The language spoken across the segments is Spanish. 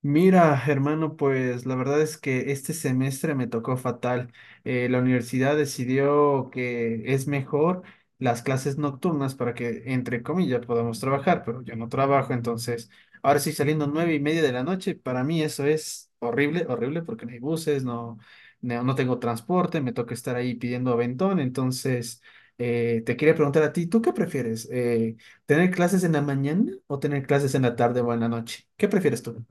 Mira, hermano, pues la verdad es que este semestre me tocó fatal. La universidad decidió que es mejor las clases nocturnas para que, entre comillas, podamos trabajar, pero yo no trabajo, entonces ahora sí saliendo nueve y media de la noche, para mí eso es horrible, horrible, porque no hay buses, no, no tengo transporte, me toca estar ahí pidiendo aventón, entonces te quería preguntar a ti, ¿tú qué prefieres? ¿Tener clases en la mañana o tener clases en la tarde o en la noche? ¿Qué prefieres tú?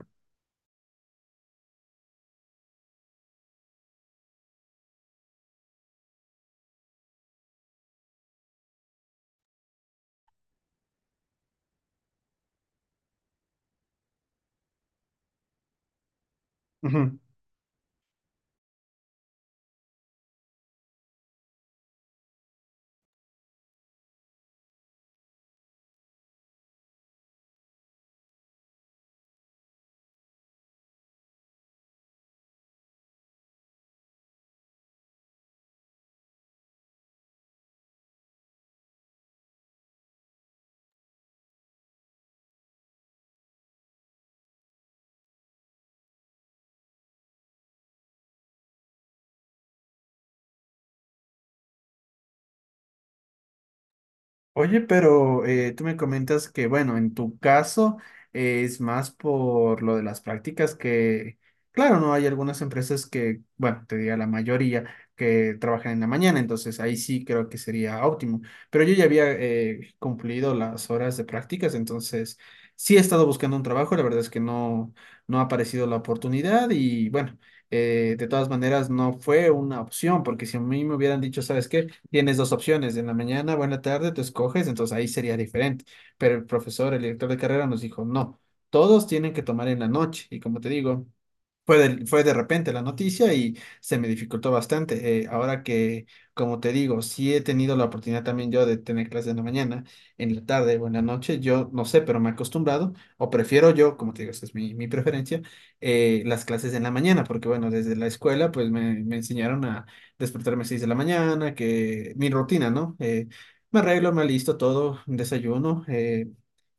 Ujú. Oye, pero tú me comentas que, bueno, en tu caso es más por lo de las prácticas que, claro, no hay algunas empresas que, bueno, te diría la mayoría que trabajan en la mañana, entonces ahí sí creo que sería óptimo. Pero yo ya había cumplido las horas de prácticas, entonces sí he estado buscando un trabajo, la verdad es que no, no ha aparecido la oportunidad y, bueno, de todas maneras no fue una opción, porque si a mí me hubieran dicho, ¿sabes qué? Tienes dos opciones, en la mañana o en la tarde, tú escoges, entonces ahí sería diferente. Pero el profesor, el director de carrera nos dijo, no, todos tienen que tomar en la noche. Y como te digo, fue de repente la noticia y se me dificultó bastante. Ahora que, como te digo, sí he tenido la oportunidad también yo de tener clases en la mañana, en la tarde o en la noche, yo no sé, pero me he acostumbrado o prefiero yo, como te digo, esa es mi preferencia, las clases en la mañana, porque bueno, desde la escuela pues me enseñaron a despertarme a 6 de la mañana, que mi rutina, ¿no? Me arreglo, me alisto todo, desayuno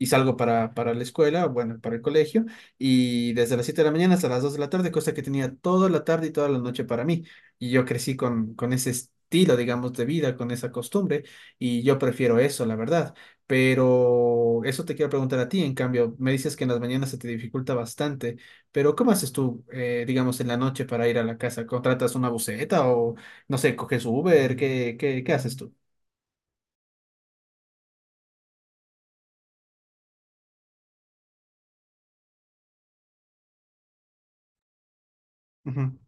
y salgo para la escuela, bueno, para el colegio. Y desde las 7 de la mañana hasta las 2 de la tarde, cosa que tenía toda la tarde y toda la noche para mí. Y yo crecí con ese estilo, digamos, de vida, con esa costumbre, y yo prefiero eso, la verdad. Pero eso te quiero preguntar a ti, en cambio, me dices que en las mañanas se te dificulta bastante, pero ¿cómo haces tú, digamos, en la noche para ir a la casa? ¿Contratas una buseta o, no sé, coges Uber? Qué haces tú? Ujú.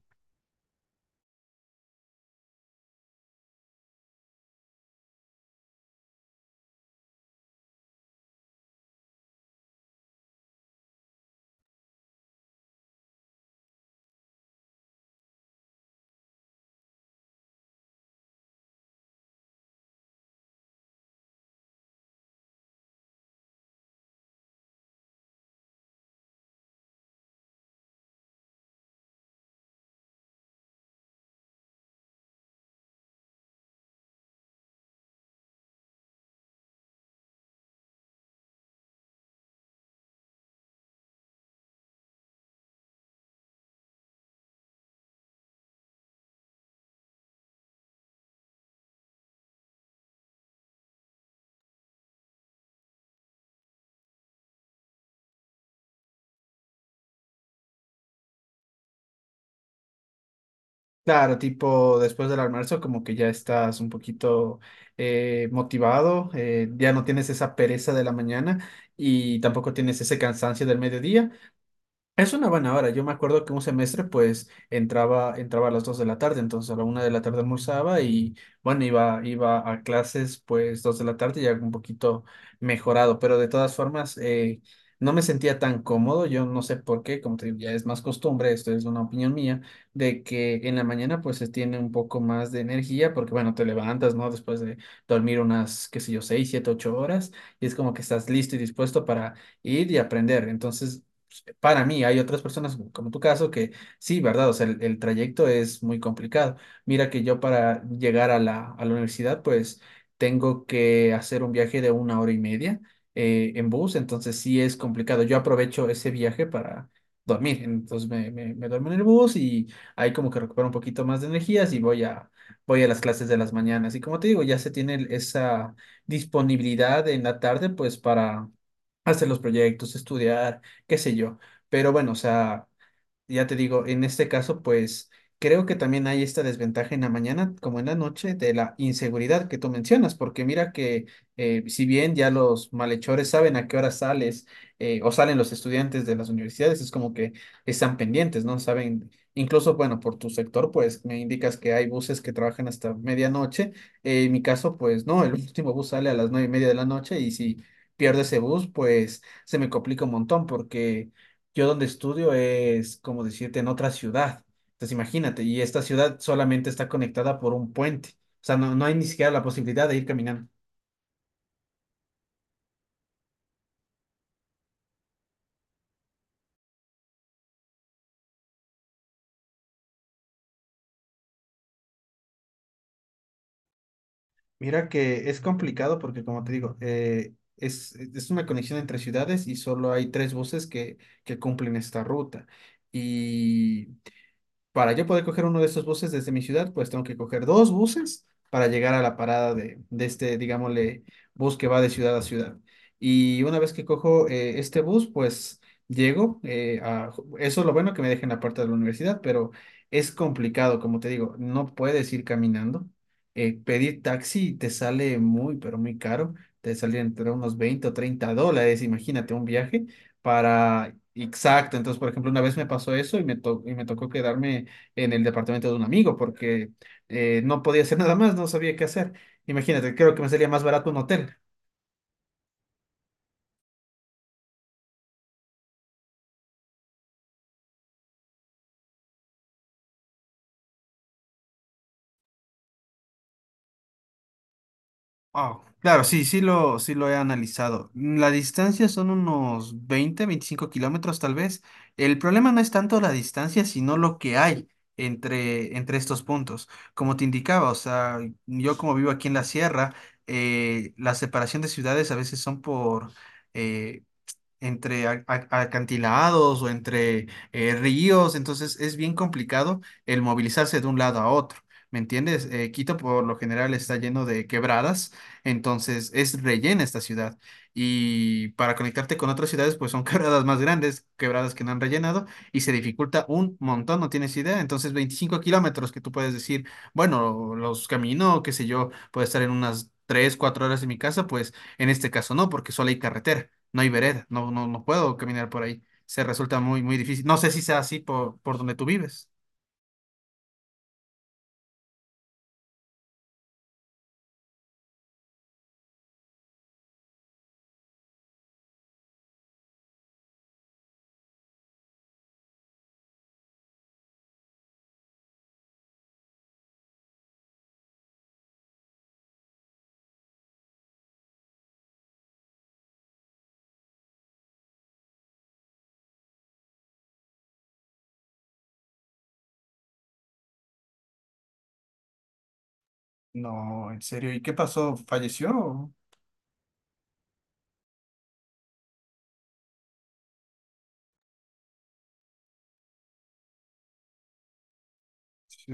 Claro, tipo después del almuerzo como que ya estás un poquito motivado, ya no tienes esa pereza de la mañana y tampoco tienes ese cansancio del mediodía, es una buena hora. Yo me acuerdo que un semestre pues entraba a las 2 de la tarde, entonces a la 1 de la tarde almorzaba y bueno, iba a clases pues 2 de la tarde ya un poquito mejorado, pero de todas formas no me sentía tan cómodo. Yo no sé por qué, como te digo, ya es más costumbre, esto es una opinión mía, de que en la mañana pues se tiene un poco más de energía porque bueno, te levantas, ¿no? Después de dormir unas, qué sé yo, 6 7 8 horas y es como que estás listo y dispuesto para ir y aprender. Entonces para mí, hay otras personas como tu caso que sí, ¿verdad? O sea, el trayecto es muy complicado. Mira que yo para llegar a a la universidad, pues tengo que hacer un viaje de una hora y media en bus, entonces sí es complicado. Yo aprovecho ese viaje para dormir, entonces me duermo en el bus y ahí como que recupero un poquito más de energías y voy a, voy a las clases de las mañanas. Y como te digo, ya se tiene esa disponibilidad en la tarde, pues para hacer los proyectos, estudiar qué sé yo. Pero bueno, o sea, ya te digo, en este caso, pues creo que también hay esta desventaja en la mañana como en la noche de la inseguridad que tú mencionas, porque mira que si bien ya los malhechores saben a qué hora sales o salen los estudiantes de las universidades, es como que están pendientes, ¿no? Saben, incluso, bueno, por tu sector, pues me indicas que hay buses que trabajan hasta medianoche. En mi caso, pues no, el último bus sale a las nueve y media de la noche y si pierdo ese bus, pues se me complica un montón porque yo donde estudio es, como decirte, en otra ciudad. Entonces imagínate, y esta ciudad solamente está conectada por un puente. O sea, no, no hay ni siquiera la posibilidad de ir caminando. Mira que es complicado porque, como te digo, es una conexión entre ciudades y solo hay tres buses que cumplen esta ruta. Y para yo poder coger uno de esos buses desde mi ciudad, pues tengo que coger dos buses para llegar a la parada de este, digámosle, bus que va de ciudad a ciudad. Y una vez que cojo este bus, pues llego a... Eso es lo bueno que me deja en la puerta de la universidad, pero es complicado, como te digo, no puedes ir caminando. Pedir taxi te sale muy, pero muy caro. Te sale entre unos $20 o $30, imagínate un viaje para... Exacto, entonces, por ejemplo, una vez me pasó eso y me tocó quedarme en el departamento de un amigo porque no podía hacer nada más, no sabía qué hacer. Imagínate, creo que me salía más barato un hotel. Oh, claro, sí, sí lo he analizado. La distancia son unos 20, 25 kilómetros tal vez. El problema no es tanto la distancia, sino lo que hay entre estos puntos. Como te indicaba, o sea, yo como vivo aquí en la sierra, la separación de ciudades a veces son eh, entre acantilados o entre ríos, entonces es bien complicado el movilizarse de un lado a otro. ¿Me entiendes? Quito por lo general está lleno de quebradas, entonces es rellena esta ciudad. Y para conectarte con otras ciudades, pues son quebradas más grandes, quebradas que no han rellenado, y se dificulta un montón, no tienes idea. Entonces 25 kilómetros que tú puedes decir, bueno, los camino, qué sé yo, puedo estar en unas 3 4 horas en mi casa, pues en este caso no, porque solo hay carretera, no hay vereda, no puedo caminar por ahí. Se resulta muy, muy difícil. No sé si sea así por donde tú vives. No, en serio. ¿Y qué pasó? ¿Falleció? Sí.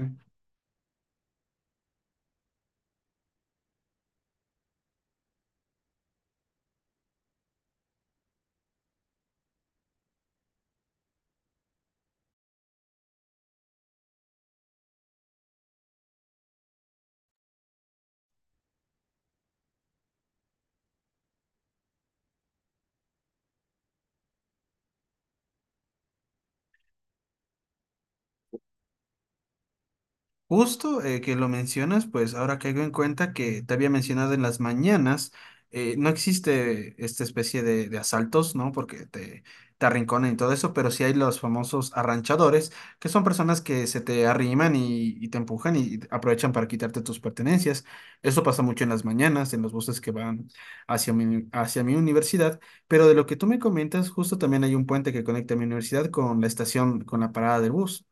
Justo que lo mencionas, pues ahora caigo en cuenta que te había mencionado en las mañanas, no existe esta especie de asaltos, ¿no? Porque te arrinconan y todo eso, pero sí hay los famosos arranchadores, que son personas que se te arriman y te empujan y aprovechan para quitarte tus pertenencias. Eso pasa mucho en las mañanas, en los buses que van hacia mi universidad, pero de lo que tú me comentas, justo también hay un puente que conecta mi universidad con la estación, con la parada del bus.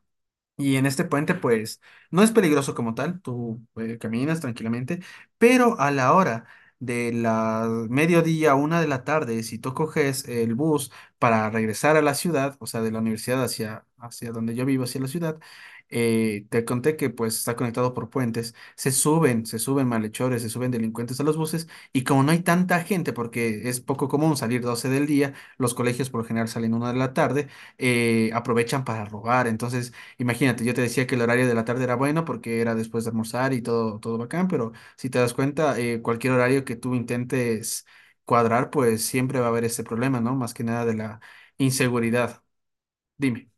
Y en este puente, pues, no es peligroso como tal, tú caminas tranquilamente, pero a la hora de la mediodía, 1 de la tarde, si tú coges el bus para regresar a la ciudad, o sea, de la universidad hacia, hacia donde yo vivo, hacia la ciudad, te conté que pues está conectado por puentes, se suben malhechores, se suben delincuentes a los buses, y como no hay tanta gente, porque es poco común salir 12 del día, los colegios por lo general salen una de la tarde, aprovechan para robar, entonces... Imagínate, yo te decía que el horario de la tarde era bueno porque era después de almorzar y todo, todo bacán, pero si te das cuenta, cualquier horario que tú intentes cuadrar, pues siempre va a haber ese problema, ¿no? Más que nada de la inseguridad. Dime.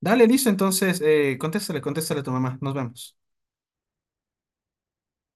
Dale, listo, entonces, contéstale, contéstale a tu mamá. Nos vemos.